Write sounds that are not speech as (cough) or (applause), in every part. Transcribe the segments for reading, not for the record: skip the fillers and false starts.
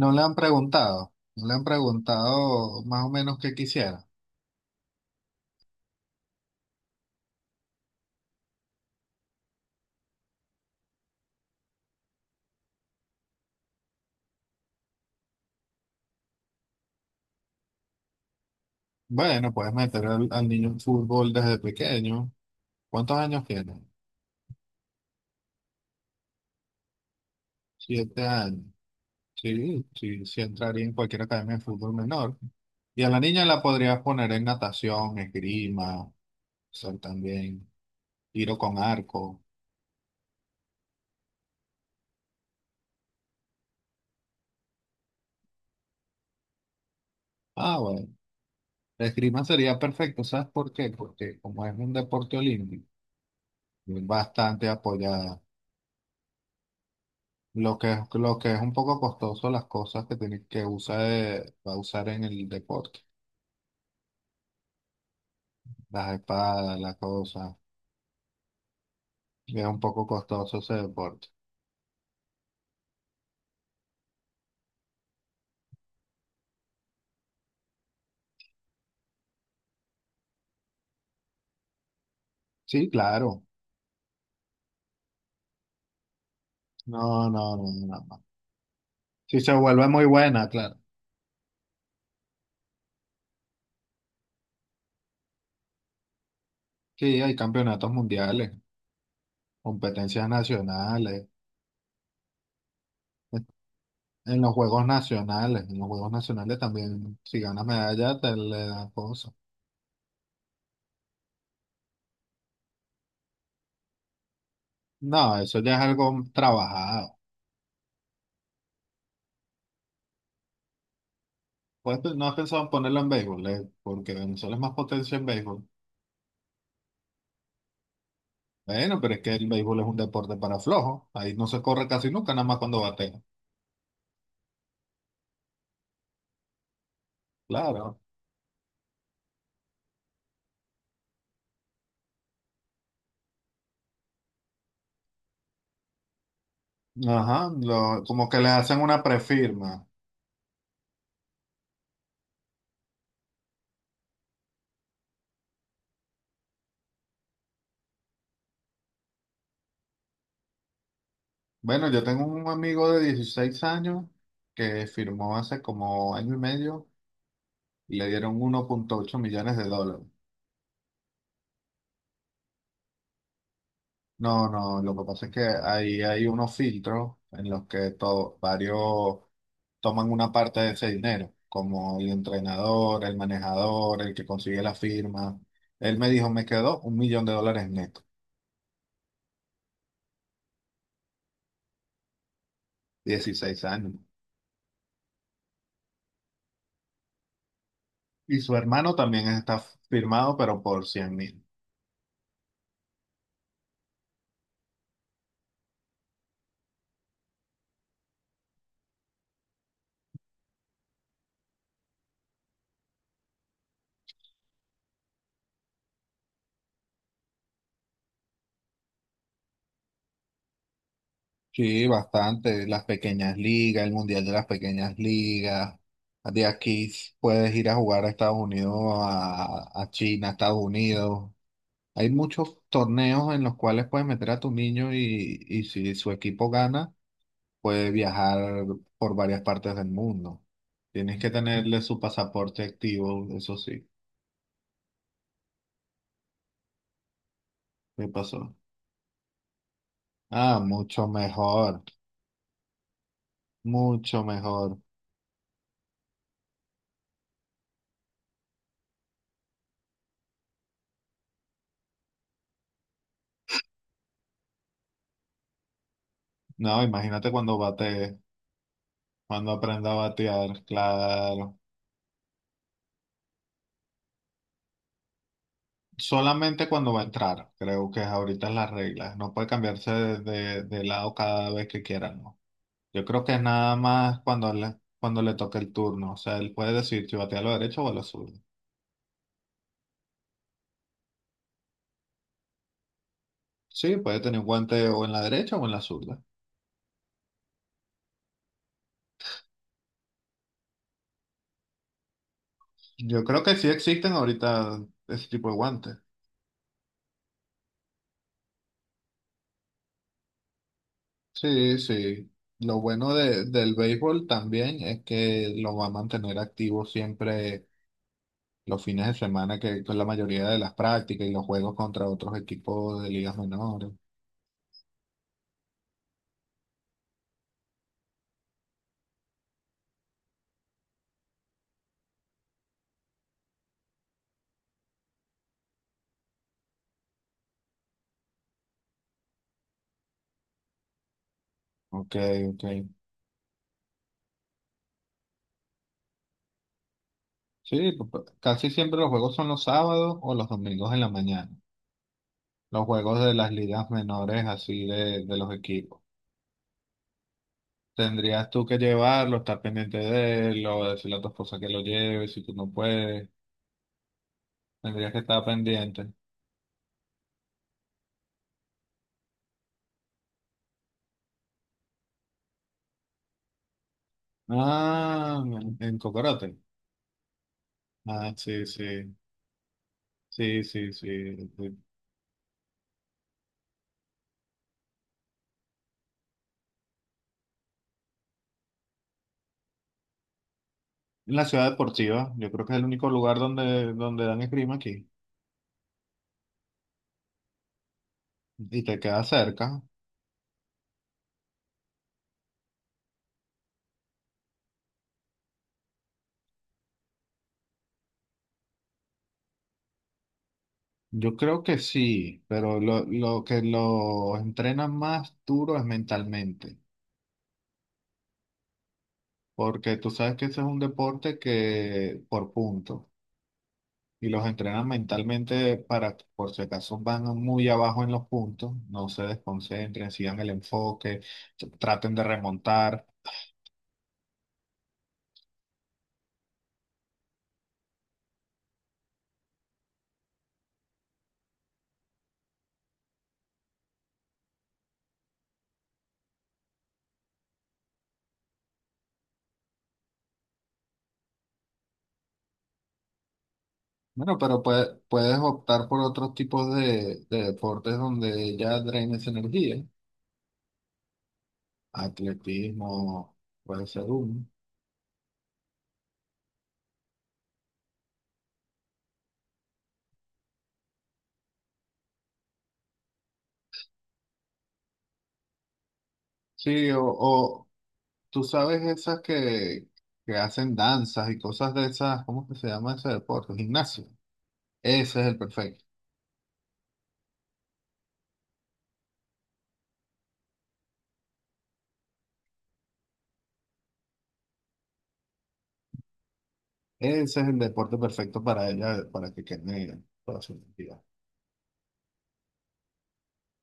No le han preguntado más o menos qué quisiera. Bueno, puedes meter al niño en fútbol desde pequeño. ¿Cuántos años tiene? 7 años. Sí, sí, sí entraría en cualquier academia de fútbol menor. Y a la niña la podrías poner en natación, esgrima, ser también tiro con arco. Ah, bueno, la esgrima sería perfecto. ¿Sabes por qué? Porque como es un deporte olímpico, es bastante apoyada. Lo que es un poco costoso las cosas que tiene que usar, va a usar en el deporte, las espadas, las cosas, es un poco costoso ese deporte. Sí, claro, no, no, no, no, no, no. Si se vuelve muy buena, claro. Sí, hay campeonatos mundiales, competencias nacionales, en los juegos nacionales, en los juegos nacionales también, si ganas medalla, te le dan cosas. No, eso ya es algo trabajado. Pues no has pensado en ponerlo en béisbol, porque Venezuela es más potencia en béisbol. Bueno, pero es que el béisbol es un deporte para flojos. Ahí no se corre casi nunca, nada más cuando batea. Claro. Ajá, como que le hacen una prefirma. Bueno, yo tengo un amigo de 16 años que firmó hace como año y medio y le dieron 1.8 millones de dólares. No, no, lo que pasa es que ahí hay unos filtros en los que varios toman una parte de ese dinero, como el entrenador, el manejador, el que consigue la firma. Él me dijo, me quedó 1 millón de dólares neto, 16 años. Y su hermano también está firmado, pero por 100.000. Sí, bastante. Las pequeñas ligas, el mundial de las pequeñas ligas. De aquí puedes ir a jugar a Estados Unidos, a China, a Estados Unidos. Hay muchos torneos en los cuales puedes meter a tu niño y si su equipo gana, puede viajar por varias partes del mundo. Tienes que tenerle su pasaporte activo, eso sí. ¿Qué pasó? Ah, mucho mejor, mucho mejor. No, imagínate cuando bate, cuando aprenda a batear, claro. Solamente cuando va a entrar, creo que ahorita es las reglas. No puede cambiarse de, de lado cada vez que quiera, ¿no? Yo creo que es nada más cuando le, toque el turno. O sea, él puede decidir si batea a la derecha o a la zurda. Sí, puede tener un guante o en la derecha o en la zurda. Yo creo que sí existen ahorita ese tipo de guantes. Sí, sí. Lo bueno del béisbol también es que lo va a mantener activo siempre los fines de semana, que con la mayoría de las prácticas y los juegos contra otros equipos de ligas menores. Ok, ok. Sí, casi siempre los juegos son los sábados o los domingos en la mañana, los juegos de las ligas menores así de los equipos. Tendrías tú que llevarlo, estar pendiente de él, o decirle a tu esposa que lo lleve, si tú no puedes, tendrías que estar pendiente. Ah, en Cocorote. Ah, sí, sí, sí, sí, sí, sí. En la ciudad deportiva, yo creo que es el único lugar donde, donde dan esgrima aquí. Y te queda cerca. Yo creo que sí, pero lo, que los entrenan más duro es mentalmente. Porque tú sabes que ese es un deporte que por puntos y los entrenan mentalmente para que por si acaso van muy abajo en los puntos, no se desconcentren, sigan el enfoque, traten de remontar. Bueno, pero puedes optar por otros tipos de deportes donde ya drenes energía, atletismo, puede ser uno. Sí, o tú sabes esas que hacen danzas y cosas de esas, ¿cómo que se llama ese deporte? Gimnasio. Ese es el perfecto. Ese es el deporte perfecto para ella, para que quede toda su identidad.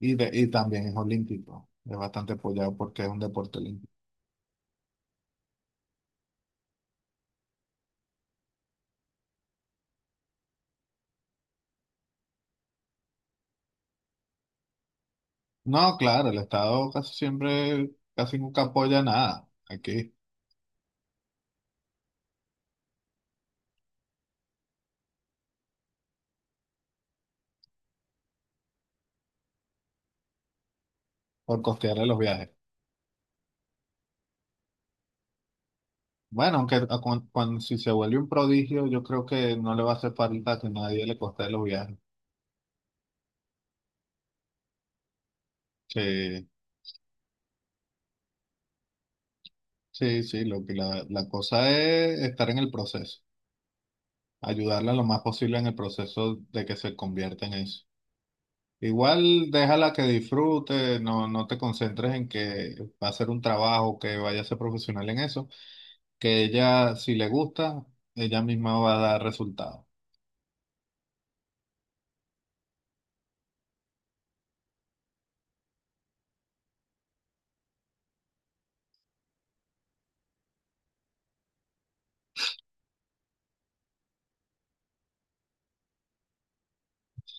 Y también es olímpico. Es bastante apoyado porque es un deporte olímpico. No, claro, el Estado casi siempre, casi nunca apoya nada aquí por costearle los viajes. Bueno, aunque a- cuan- cuan- si se vuelve un prodigio, yo creo que no le va a hacer falta que nadie le costee los viajes. Sí, sí, sí, lo que la, cosa es estar en el proceso, ayudarla lo más posible en el proceso de que se convierta en eso. Igual déjala que disfrute, no, no te concentres en que va a ser un trabajo, que vaya a ser profesional en eso, que ella, si le gusta, ella misma va a dar resultados.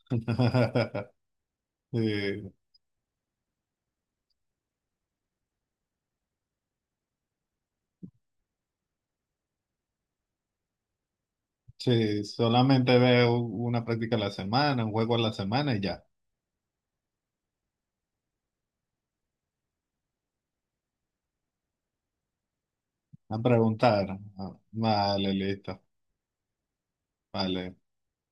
(laughs) Sí, sí, solamente veo una práctica a la semana, un juego a la semana y ya. A preguntar. Ah, vale, listo. Vale.